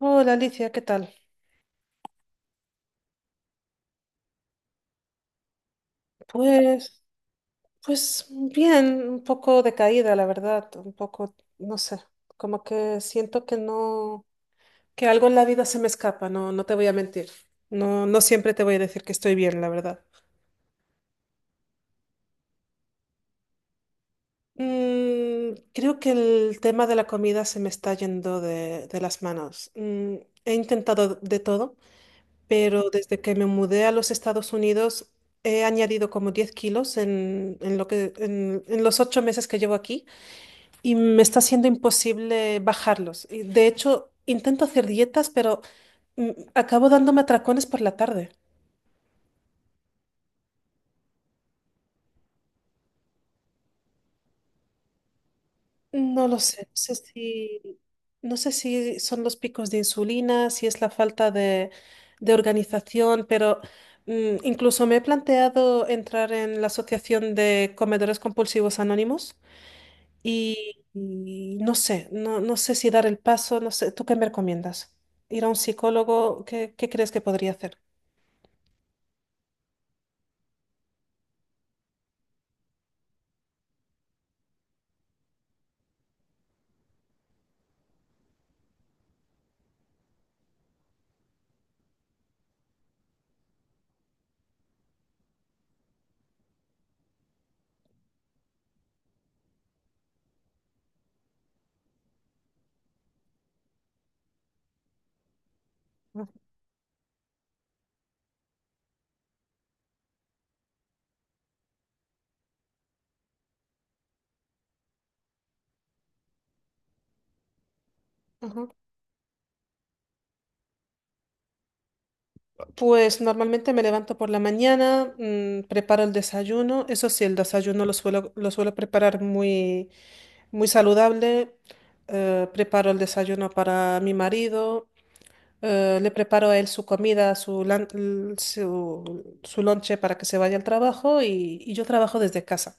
Hola Alicia, ¿qué tal? Pues, pues bien, un poco decaída, la verdad, un poco, no sé, como que siento que no, que algo en la vida se me escapa, no, no te voy a mentir. No, no siempre te voy a decir que estoy bien, la verdad. Creo que el tema de la comida se me está yendo de las manos. He intentado de todo, pero desde que me mudé a los Estados Unidos he añadido como 10 kilos en los 8 meses que llevo aquí. Y me está siendo imposible bajarlos. Y de hecho, intento hacer dietas, pero acabo dándome atracones por la tarde. No lo sé, no sé si son los picos de insulina, si es la falta de organización, pero incluso me he planteado entrar en la Asociación de Comedores Compulsivos Anónimos y, y no sé si dar el paso, no sé, ¿tú qué me recomiendas? ¿Ir a un psicólogo? ¿Qué crees que podría hacer? Ajá. Pues normalmente me levanto por la mañana, preparo el desayuno. Eso sí, el desayuno lo suelo preparar muy, muy saludable. Preparo el desayuno para mi marido. Le preparo a él su comida, su, lan- l- su lonche para que se vaya al trabajo y yo trabajo desde casa.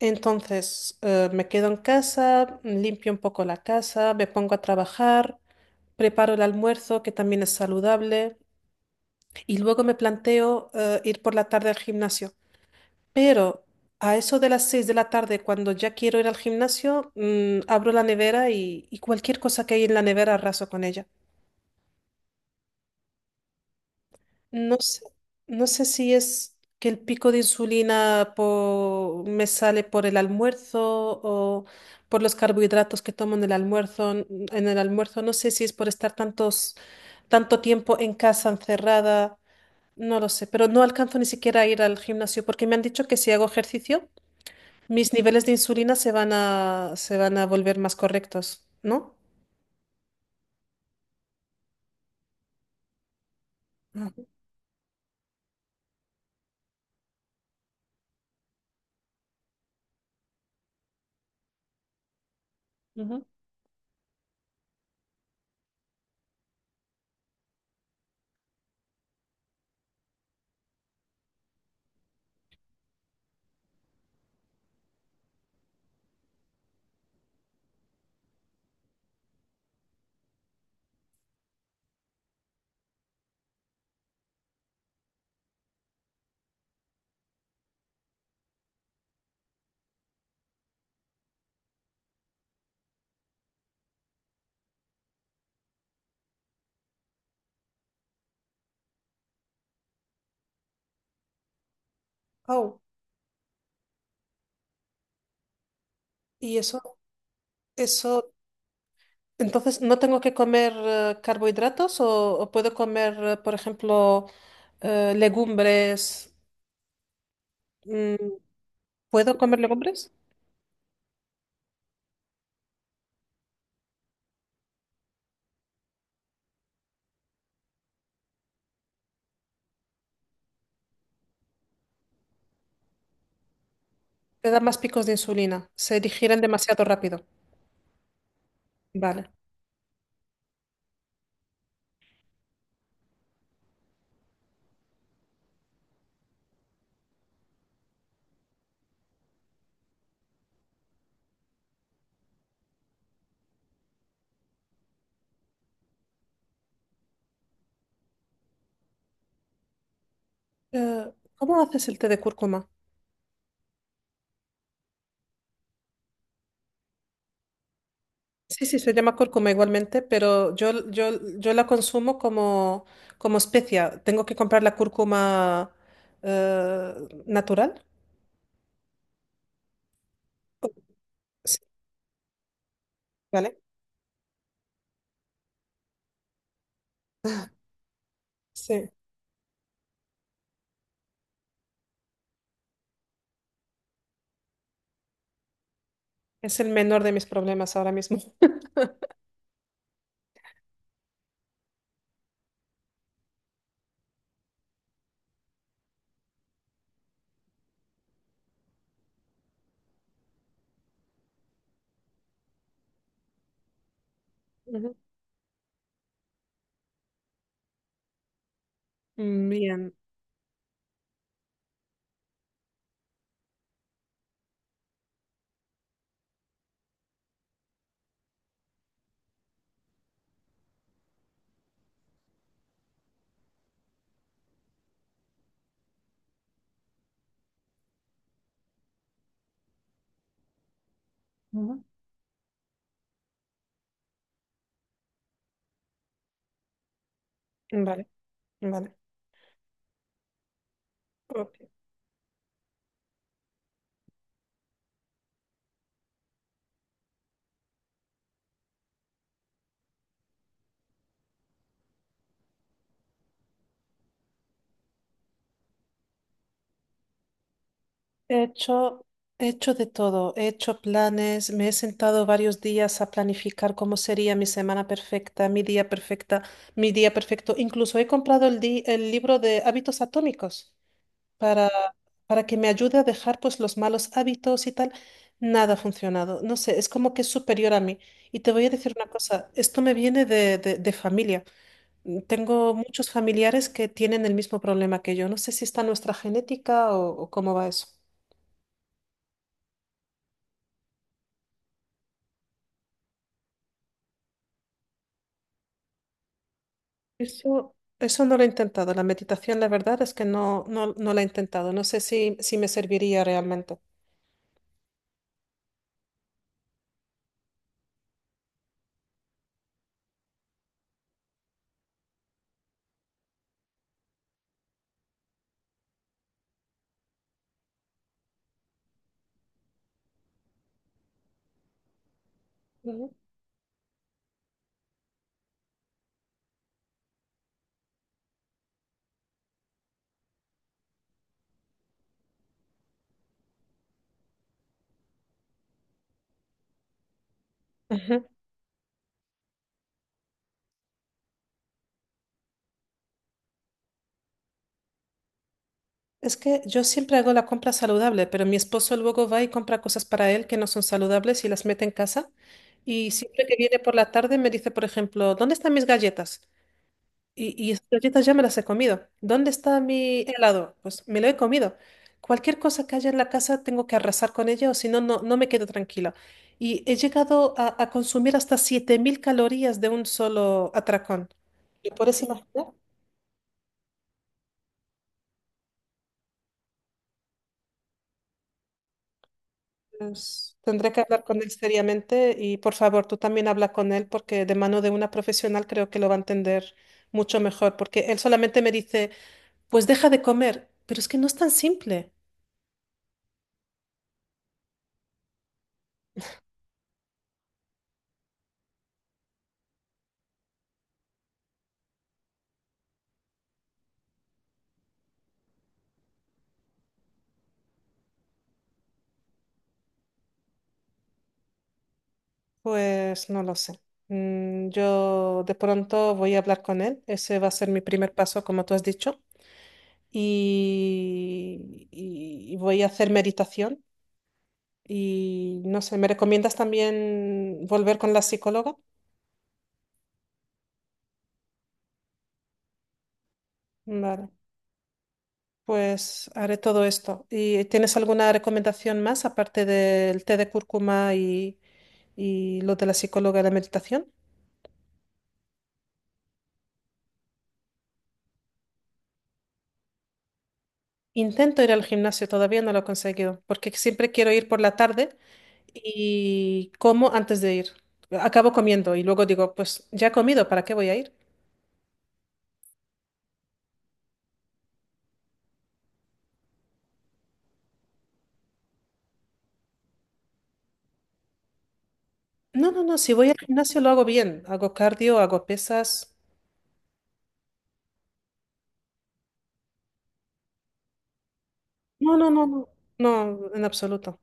Entonces, me quedo en casa, limpio un poco la casa, me pongo a trabajar, preparo el almuerzo, que también es saludable. Y luego me planteo ir por la tarde al gimnasio. Pero a eso de las 6 de la tarde, cuando ya quiero ir al gimnasio, abro la nevera y cualquier cosa que hay en la nevera arraso con ella. No sé, no sé si es que el pico de insulina po- me sale por el almuerzo o por los carbohidratos que tomo en el almuerzo. En el almuerzo no sé si es por estar tantos, tanto tiempo en casa encerrada. No lo sé, pero no alcanzo ni siquiera a ir al gimnasio porque me han dicho que si hago ejercicio, mis niveles de insulina se van a volver más correctos, ¿no? Ujú. Ujú. Au. Y eso, entonces, ¿no tengo que comer carbohidratos o puedo comer, por ejemplo, legumbres? Mm, ¿Puedo comer legumbres? Te da más picos de insulina, se digieren demasiado rápido. Vale. ¿Cómo haces el té de cúrcuma? Sí, sí, se llama cúrcuma igualmente, pero yo la consumo como, como especia. Tengo que comprar la cúrcuma eh, natural. Sí, ¿vale? Sí, es el menor de mis problemas ahora mismo. Ujú. Bien. Ujú. Vale, vale. Ok. He hecho, he hecho de todo. He hecho planes, me he sentado varios días a planificar cómo sería mi semana perfecta, mi día perfecto. Incluso he comprado el libro de hábitos atómicos. para, para que me ayude a dejar pues los malos hábitos y tal, nada ha funcionado. No sé, es como que es superior a mí. Y te voy a decir una cosa, esto me viene de familia. Tengo muchos familiares que tienen el mismo problema que yo. No sé si está en nuestra genética o cómo va eso. Eso no lo he intentado. La meditación, la verdad es que no, no, no la he intentado. No sé si, si me serviría realmente. Ujú. Ujú. Es que yo siempre hago la compra saludable, pero mi esposo luego va y compra cosas para él que no son saludables y las mete en casa. Y siempre que viene por la tarde me dice, por ejemplo, ¿dónde están mis galletas? Y esas galletas ya me las he comido. ¿Dónde está mi helado? Pues me lo he comido. Cualquier cosa que haya en la casa tengo que arrasar con ella o si no, no no me quedo tranquila. Y he llegado a consumir hasta 7000 calorías de un solo atracón. ¿Lo puedes imaginar? Pues, tendré que hablar con él seriamente y por favor tú también habla con él porque de mano de una profesional creo que lo va a entender mucho mejor porque él solamente me dice, pues deja de comer, pero es que no es tan simple. Pues no lo sé. Yo de pronto voy a hablar con él, ese va a ser mi primer paso como tú has dicho y, y voy a hacer meditación y no sé, ¿me recomiendas también volver con la psicóloga? Vale. Pues haré todo esto. ¿Y tienes alguna recomendación más aparte del té de cúrcuma y lo de la psicóloga y la meditación? Intento ir al gimnasio, todavía no lo he conseguido, porque siempre quiero ir por la tarde y como antes de ir. Acabo comiendo y luego digo, pues ya he comido, ¿para qué voy a ir? No, no, no, si voy al gimnasio lo hago bien, hago cardio, hago pesas. No, no, no, no, no, en absoluto.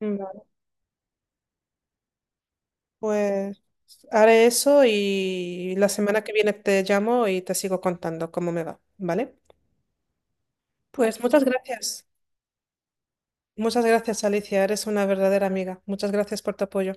Mm. Pues haré eso y la semana que viene te llamo y te sigo contando cómo me va, ¿vale? Pues muchas gracias. Muchas gracias, Alicia. Eres una verdadera amiga. Muchas gracias por tu apoyo.